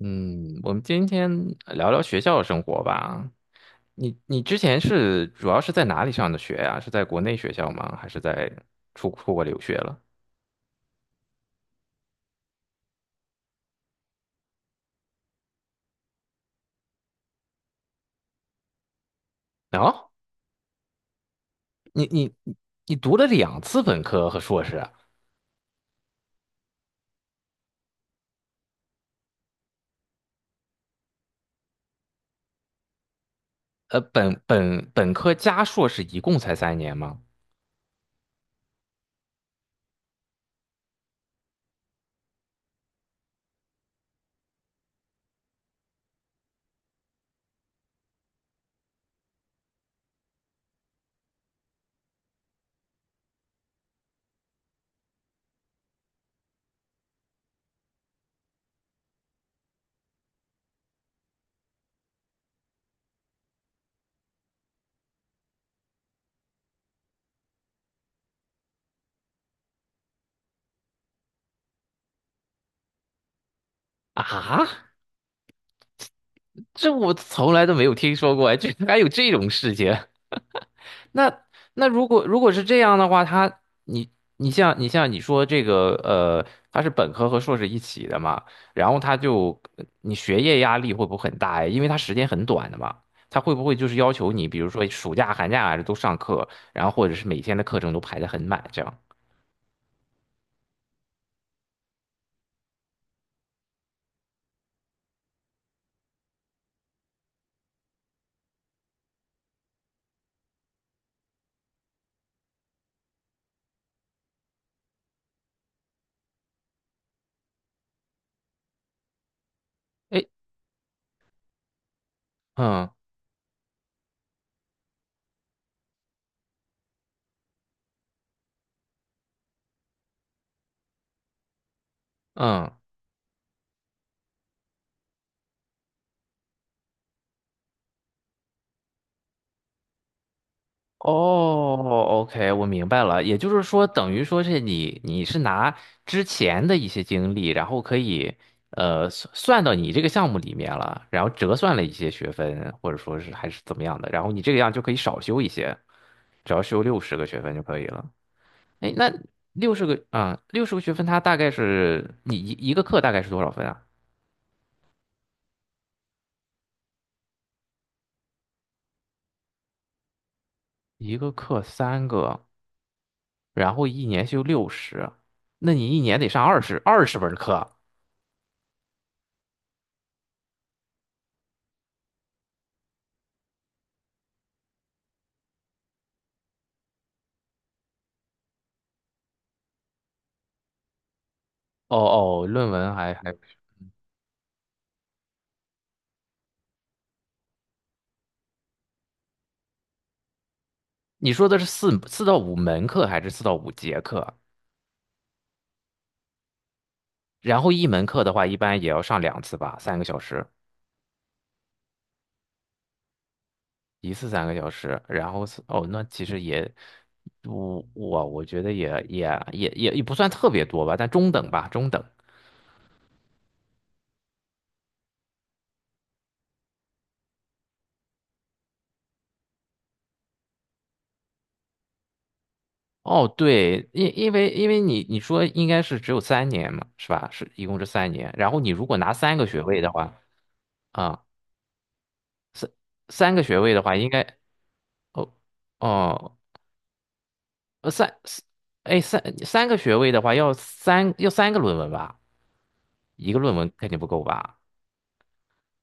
嗯，我们今天聊聊学校生活吧。你之前是主要是在哪里上的学呀？是在国内学校吗？还是在出国留学了？哦，你你你读了两次本科和硕士啊，本科加硕士一共才三年吗？啊，这我从来都没有听说过，哎，居然还有这种事情。那那如果是这样的话，他你你像你像你说这个呃，他是本科和硕士一起的嘛。然后他就你学业压力会不会很大呀？因为他时间很短的嘛，他会不会就是要求你，比如说暑假、寒假还是都上课，然后或者是每天的课程都排得很满这样？哎，嗯嗯。哦，OK,我明白了。也就是说，等于说是你是拿之前的一些经历，然后可以算到你这个项目里面了，然后折算了一些学分，或者说是还是怎么样的，然后你这个样就可以少修一些，只要修六十个学分就可以了。哎，那六十个啊，六十个学分，它大概是你一个课大概是多少分啊？一个课三个，然后一年修六十，那你一年得上二十门课。哦哦，论文还，你说的是四到五门课还是四到五节课？然后一门课的话，一般也要上两次吧，三个小时，一次三个小时。然后是哦，那其实也，我觉得也不算特别多吧，但中等吧，中等。哦，对，因为你说应该是只有三年嘛，是吧？是一共是三年。然后你如果拿三个学位的话，啊、三三个学位的话，应该哦哦三，四，哎，三个学位的话，要三个论文吧，一个论文肯定不够吧？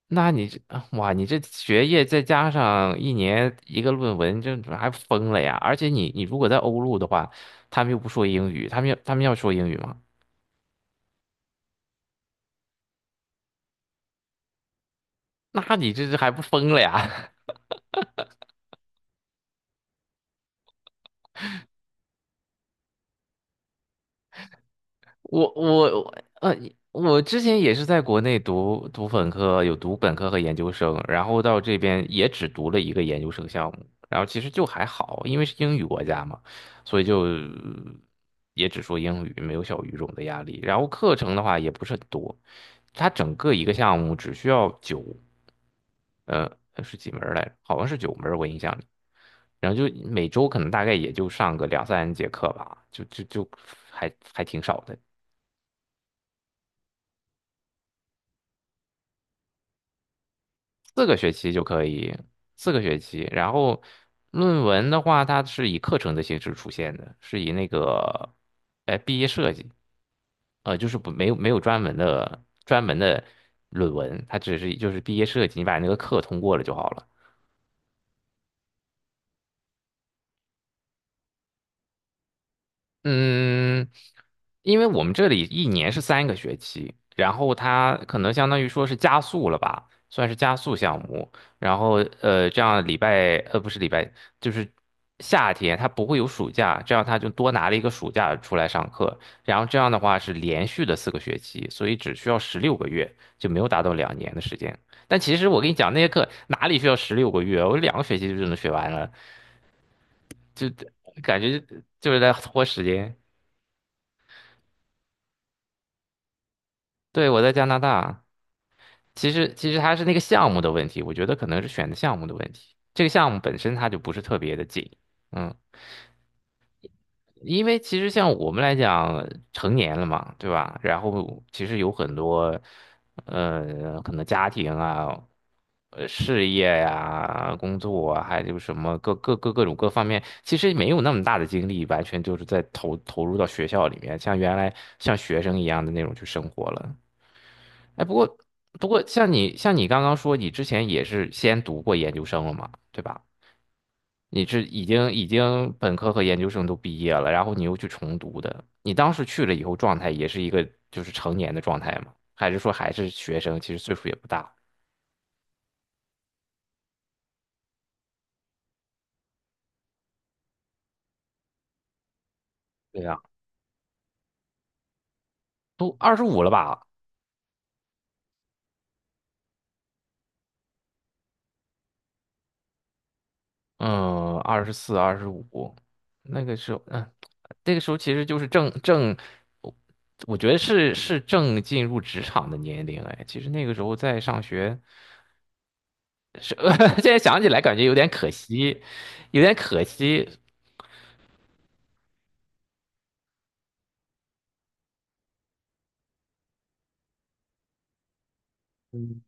那你这啊哇，你这学业再加上一年一个论文，这还疯了呀！而且你如果在欧陆的话，他们又不说英语，他们要说英语吗？那你这还不疯了呀？我我呃，我之前也是在国内读本科，有读本科和研究生，然后到这边也只读了一个研究生项目，然后其实就还好，因为是英语国家嘛，所以就也只说英语，没有小语种的压力。然后课程的话也不是很多，它整个一个项目只需要九，呃，是几门儿来着？好像是九门儿我印象里。然后就每周可能大概也就上个两三节课吧，就还挺少的。四个学期就可以，四个学期。然后论文的话，它是以课程的形式出现的，是以那个，毕业设计，就是不没有没有专门的论文，它只是就是毕业设计，你把那个课通过了就好了。嗯，因为我们这里一年是3个学期，然后他可能相当于说是加速了吧，算是加速项目。然后这样礼拜，不是礼拜，就是夏天他不会有暑假，这样他就多拿了一个暑假出来上课。然后这样的话是连续的四个学期，所以只需要十六个月，就没有达到2年的时间。但其实我跟你讲，那些课哪里需要十六个月，我2个学期就能学完了，感觉就是在拖时间。对，我在加拿大。其实它是那个项目的问题，我觉得可能是选的项目的问题。这个项目本身它就不是特别的紧，嗯，因为其实像我们来讲，成年了嘛，对吧？然后其实有很多，可能家庭啊，事业呀、工作啊，还有什么各种各方面，其实没有那么大的精力，完全就是在投入到学校里面，像原来像学生一样的那种去生活了。哎，不过，像你刚刚说，你之前也是先读过研究生了嘛，对吧？你是已经本科和研究生都毕业了，然后你又去重读的。你当时去了以后，状态也是一个就是成年的状态吗？还是说还是学生？其实岁数也不大。对呀，都二十五了吧？嗯，24、二十五，那个时候，嗯，那个时候其实就是正，我我觉得是正进入职场的年龄。哎，其实那个时候在上学。是，现在想起来感觉有点可惜，有点可惜。嗯，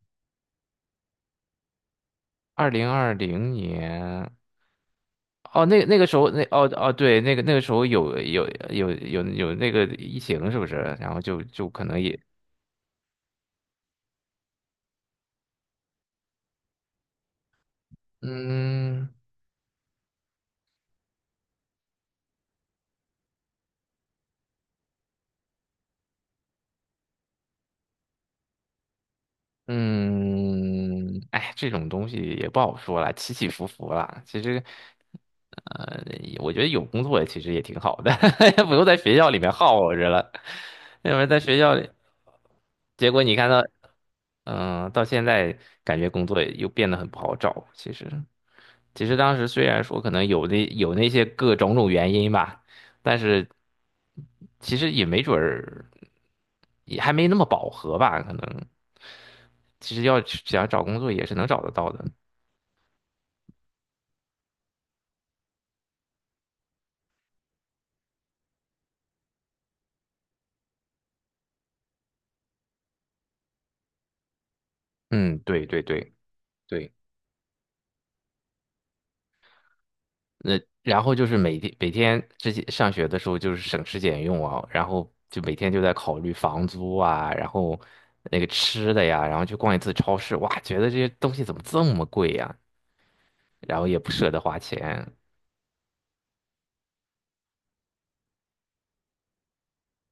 2020年。哦，那那个时候，那哦哦，对，那个时候有那个疫情，是不是？然后就可能也，嗯，嗯，哎，这种东西也不好说了，起起伏伏了。其实，呃，我觉得有工作其实也挺好的，不用在学校里面耗着了。要不然在学校里，结果你看到，嗯、到现在感觉工作又变得很不好找。其实，当时虽然说可能有那些各种原因吧，但是其实也没准儿，也还没那么饱和吧，可能。其实要想找工作也是能找得到的。嗯，对对对对，那然后就是每天之前上学的时候就是省吃俭用啊，然后就每天就在考虑房租啊，然后那个吃的呀，然后去逛一次超市，哇，觉得这些东西怎么这么贵呀？然后也不舍得花钱，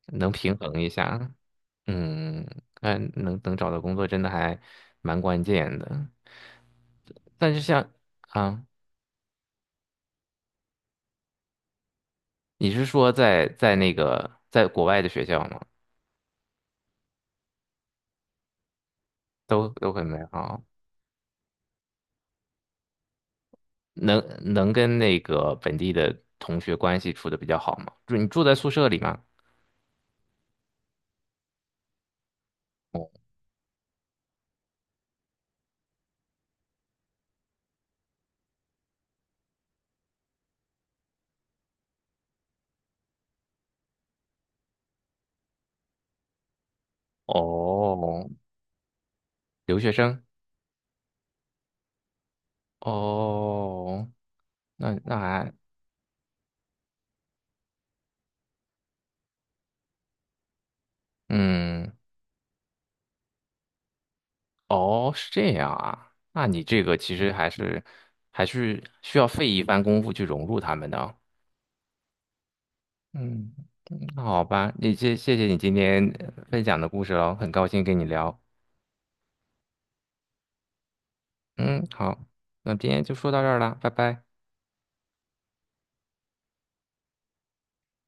能平衡一下。嗯，嗯，能找到工作真的还蛮关键的，但是像啊。你是说在那个在国外的学校吗？都很美好，能能跟那个本地的同学关系处的比较好吗？就你住在宿舍里吗？哦，哦，留学生，哦，那还，嗯，哦，是这样啊，那你这个其实还是需要费一番功夫去融入他们的哦。嗯，嗯那好吧，你谢谢你今天分享的故事喽，很高兴跟你聊。嗯，好，那今天就说到这儿啦，拜拜。